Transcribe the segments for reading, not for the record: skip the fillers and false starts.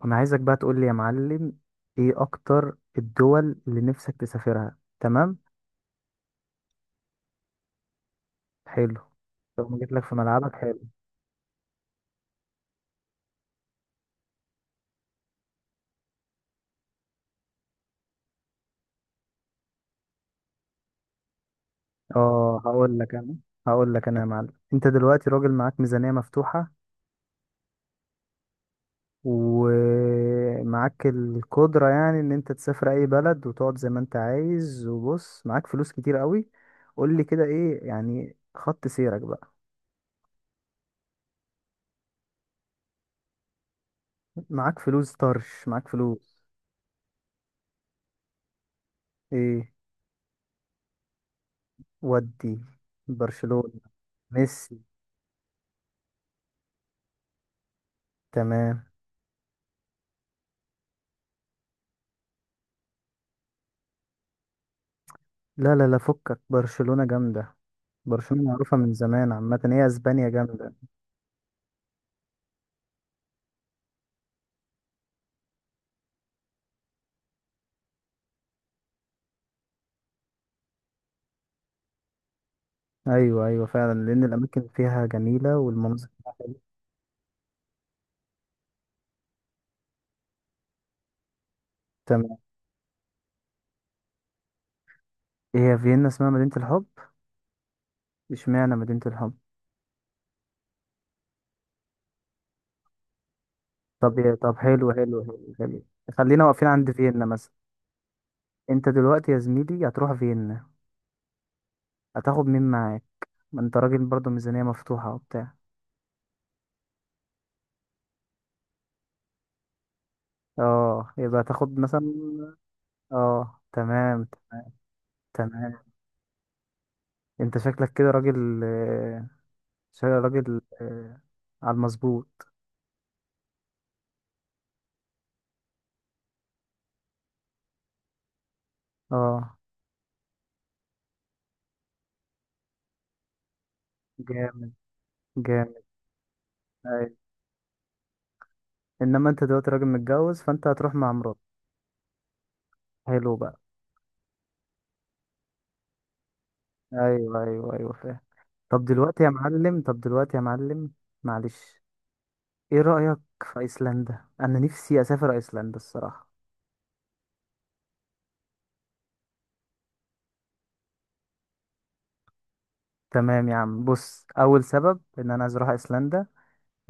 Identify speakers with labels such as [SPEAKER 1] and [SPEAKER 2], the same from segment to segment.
[SPEAKER 1] وانا عايزك بقى تقول لي يا معلم، ايه اكتر الدول اللي نفسك تسافرها؟ تمام، حلو. لو ما جيت لك في ملعبك حلو. اه، هقول لك انا يا معلم، انت دلوقتي راجل معاك ميزانية مفتوحة ومعاك القدرة يعني ان انت تسافر اي بلد وتقعد زي ما انت عايز. وبص، معاك فلوس كتير قوي. قول لي كده، ايه يعني خط سيرك بقى؟ معاك فلوس طرش، معاك فلوس. ايه؟ ودي برشلونة. ميسي. تمام. لا لا لا، فكك، برشلونة جامدة. برشلونة معروفة من زمان، عامة هي اسبانيا جامدة. ايوه ايوه فعلا، لان الاماكن فيها جميلة والمناظر فيها حلوة. تمام. هي فيينا اسمها مدينة الحب؟ اشمعنى مدينة الحب؟ طب طب، حلو حلو حلو حلو. خلينا واقفين عند فيينا مثلا. انت دلوقتي يا زميلي هتروح فيينا، هتاخد مين معاك؟ ما انت راجل برضه ميزانية مفتوحة وبتاع. اه، يبقى هتاخد مثلا. اه، تمام. تمام، انت شكلك كده راجل، شاي راجل آه، على المظبوط. اه، جامد جامد. ايوه، انما انت دلوقتي راجل متجوز فانت هتروح مع مراتك. حلو بقى. ايوه ايوه ايوه فاهم. طب دلوقتي يا معلم، معلش. ايه رأيك في ايسلندا؟ انا نفسي اسافر ايسلندا الصراحة. تمام يا عم، بص، اول سبب ان انا عايز اروح ايسلندا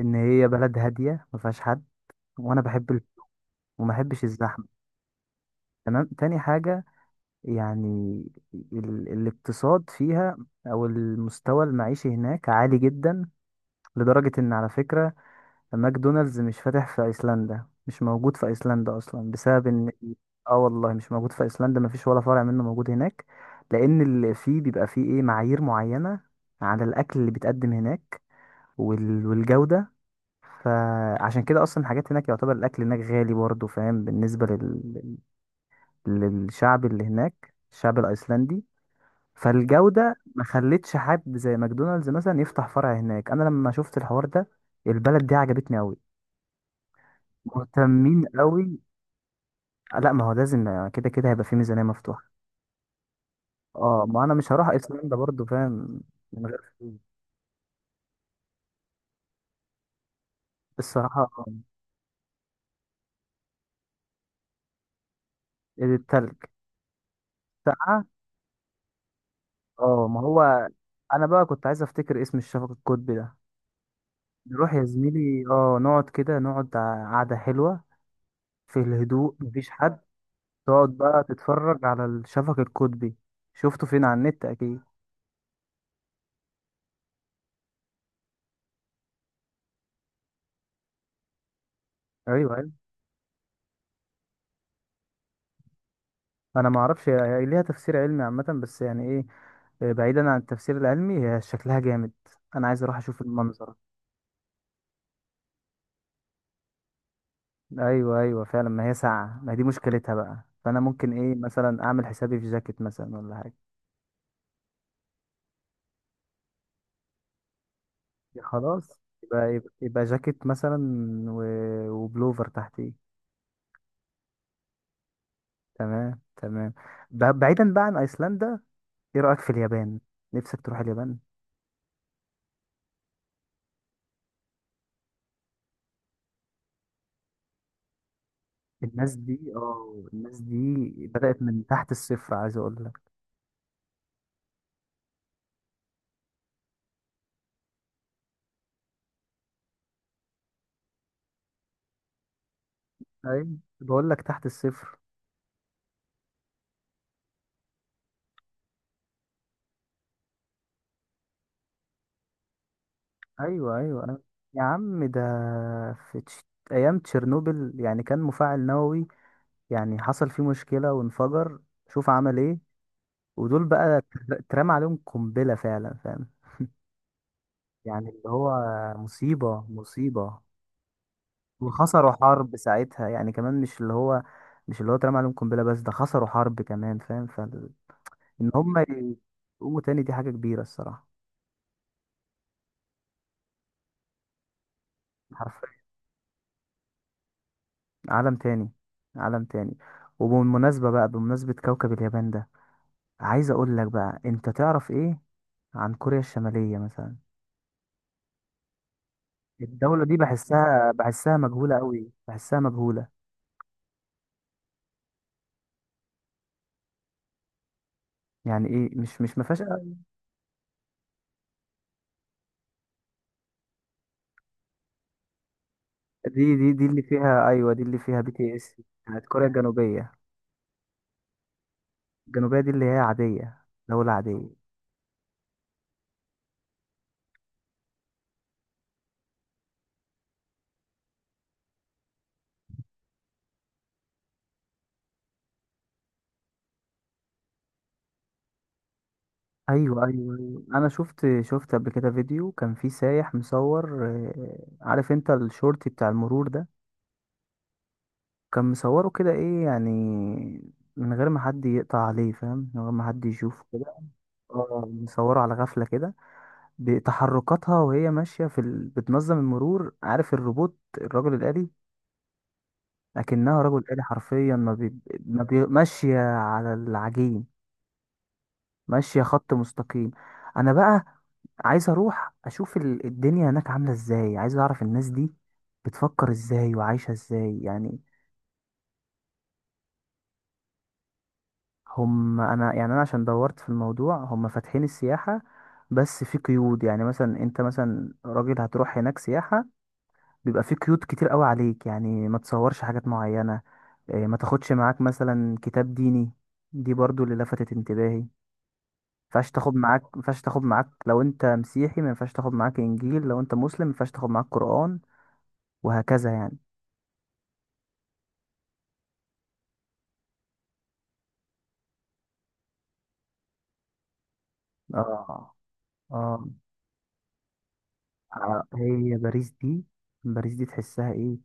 [SPEAKER 1] ان هي بلد هادية ما فيهاش حد، وانا بحب ال... وما بحبش الزحمة. تمام، تاني حاجة يعني، الاقتصاد فيها او المستوى المعيشي هناك عالي جدا، لدرجة ان على فكرة ماكدونالدز مش فاتح في ايسلندا، مش موجود في ايسلندا اصلا بسبب ان... اه والله مش موجود في ايسلندا، مفيش ولا فرع منه موجود هناك، لان اللي فيه بيبقى فيه ايه، معايير معينة على الاكل اللي بيتقدم هناك والجودة. فعشان كده اصلا الحاجات هناك، يعتبر الاكل هناك غالي برضه، فاهم؟ بالنسبة للشعب اللي هناك، الشعب الايسلندي، فالجودة ما خلتش حد زي ماكدونالدز مثلا يفتح فرع هناك. انا لما شفت الحوار ده البلد دي عجبتني قوي، مهتمين قوي. لا ما هو لازم كده كده هيبقى في ميزانية مفتوحة. اه ما انا مش هروح ايسلندا برضو فاهم من غير فلوس. الصراحة آه، التلج ساقعة. اه ما هو، انا بقى كنت عايز افتكر اسم الشفق القطبي ده. نروح يا زميلي، اه نقعد كده، نقعد قعدة حلوة في الهدوء، مفيش حد، تقعد بقى تتفرج على الشفق القطبي. شفته فين، على النت اكيد. ايوه ايوه. انا ما اعرفش، هي هي ليها تفسير علمي عامه، بس يعني ايه، آه، بعيدا عن التفسير العلمي هي شكلها جامد، انا عايز اروح اشوف المنظر. ايوه ايوه فعلا، ما هي ساعه، ما دي مشكلتها بقى، فانا ممكن ايه مثلا اعمل حسابي في جاكيت مثلا ولا حاجه. خلاص، يبقى جاكيت مثلا و... وبلوفر تحتيه. تمام تمام. بعيدا بقى عن ايسلندا، ايه رايك في اليابان؟ نفسك تروح اليابان؟ الناس دي، اه الناس دي بدأت من تحت الصفر، عايز اقول لك. ايوه، بقول لك تحت الصفر. ايوه ايوه ايوه، يا عم ده في ايام تشيرنوبل، يعني كان مفاعل نووي يعني حصل فيه مشكلة وانفجر، شوف عمل ايه. ودول بقى اترمى عليهم قنبلة فعلا فاهم. يعني اللي هو مصيبة مصيبة. وخسروا حرب ساعتها يعني كمان، مش اللي هو، مش اللي هو اترمى عليهم قنبلة بس، ده خسروا حرب كمان فاهم. ان هم يقوموا تاني دي حاجة كبيرة الصراحة. حرفيا عالم تاني، عالم تاني. وبالمناسبة بقى، بمناسبة كوكب اليابان ده، عايز اقول لك بقى انت تعرف ايه عن كوريا الشمالية مثلا؟ الدولة دي بحسها بحسها مجهولة قوي، بحسها مجهولة. يعني ايه مش ما فيهاش. دي اللي فيها، ايوه دي اللي فيها BTS، بتاعت كوريا الجنوبية. الجنوبية دي اللي هي عادية، دولة عادية. ايوه ايوه أيوة. انا شفت شفت قبل كده فيديو كان فيه سايح مصور آه، عارف انت الشورت بتاع المرور ده، كان مصوره كده، ايه يعني، من غير ما حد يقطع عليه فاهم، من غير ما حد يشوفه كده. اه مصوره على غفله كده، بتحركاتها وهي ماشيه في ال... بتنظم المرور، عارف الروبوت الرجل الآلي؟ لكنها رجل آلي حرفيا، ما بي... ما بي... ماشيه على العجين، ماشية خط مستقيم. انا بقى عايز اروح اشوف الدنيا هناك عاملة ازاي، عايز اعرف الناس دي بتفكر ازاي وعايشة ازاي يعني. هم، انا يعني انا عشان دورت في الموضوع، هم فاتحين السياحة، بس في قيود، يعني مثلا انت مثلا راجل هتروح هناك سياحة، بيبقى في قيود كتير قوي عليك، يعني ما تصورش حاجات معينة، إيه، ما تاخدش معاك مثلا كتاب ديني. دي برضو اللي لفتت انتباهي، ينفعش تاخد معاك، ما ينفعش تاخد معاك لو انت مسيحي ما ينفعش تاخد معاك انجيل، لو انت مسلم ما ينفعش تاخد معاك قرآن، وهكذا يعني. اه اه. آه، هي باريس دي، باريس دي تحسها ايه؟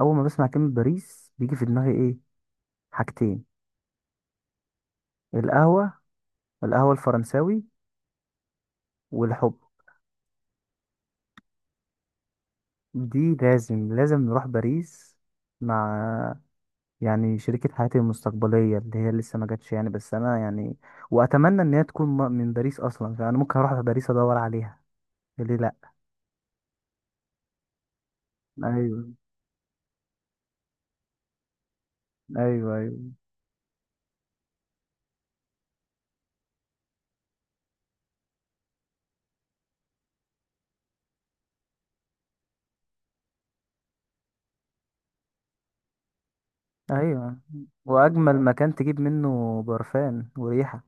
[SPEAKER 1] اول ما بسمع كلمة باريس بيجي في دماغي ايه، حاجتين، القهوة، القهوة الفرنساوي، والحب. دي لازم لازم نروح باريس مع، يعني شريكة حياتي المستقبلية اللي هي لسه ما جاتش يعني، بس انا يعني واتمنى ان هي تكون من باريس اصلا، فانا ممكن اروح باريس ادور عليها، ليه لا. ايوه ايوه ايوه ايوه، واجمل مكان تجيب منه برفان وريحه،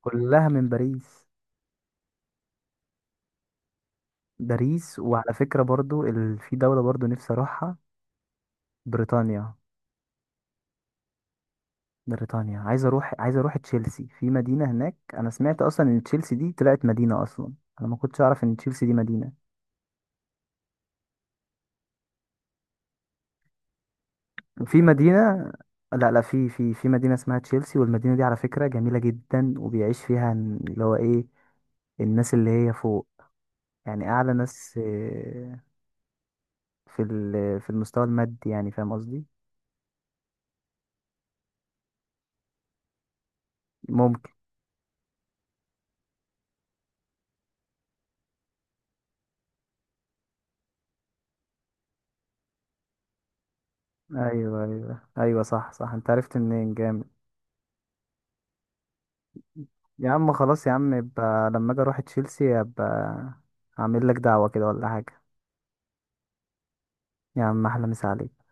[SPEAKER 1] كلها من باريس. باريس، وعلى فكره برضو ال... في دوله برضو نفسي اروحها، بريطانيا. بريطانيا. عايز اروح تشيلسي، في مدينه هناك، انا سمعت اصلا ان تشيلسي دي طلعت مدينه اصلا، انا ما كنتش اعرف ان تشيلسي دي مدينه، في مدينه، لا لا، في مدينه اسمها تشيلسي، والمدينه دي على فكره جميله جدا، وبيعيش فيها اللي هو ايه، الناس اللي هي فوق، يعني اعلى ناس في في المستوى المادي يعني، فاهم قصدي؟ ممكن. ايوه ايوه ايوه صح صح، انت عرفت منين؟ جامد. يا عم خلاص يا عم، يبقى لما اجي اروح تشيلسي ابقى اعمل لك دعوة كده ولا حاجة. يا عم احلى مسا عليك.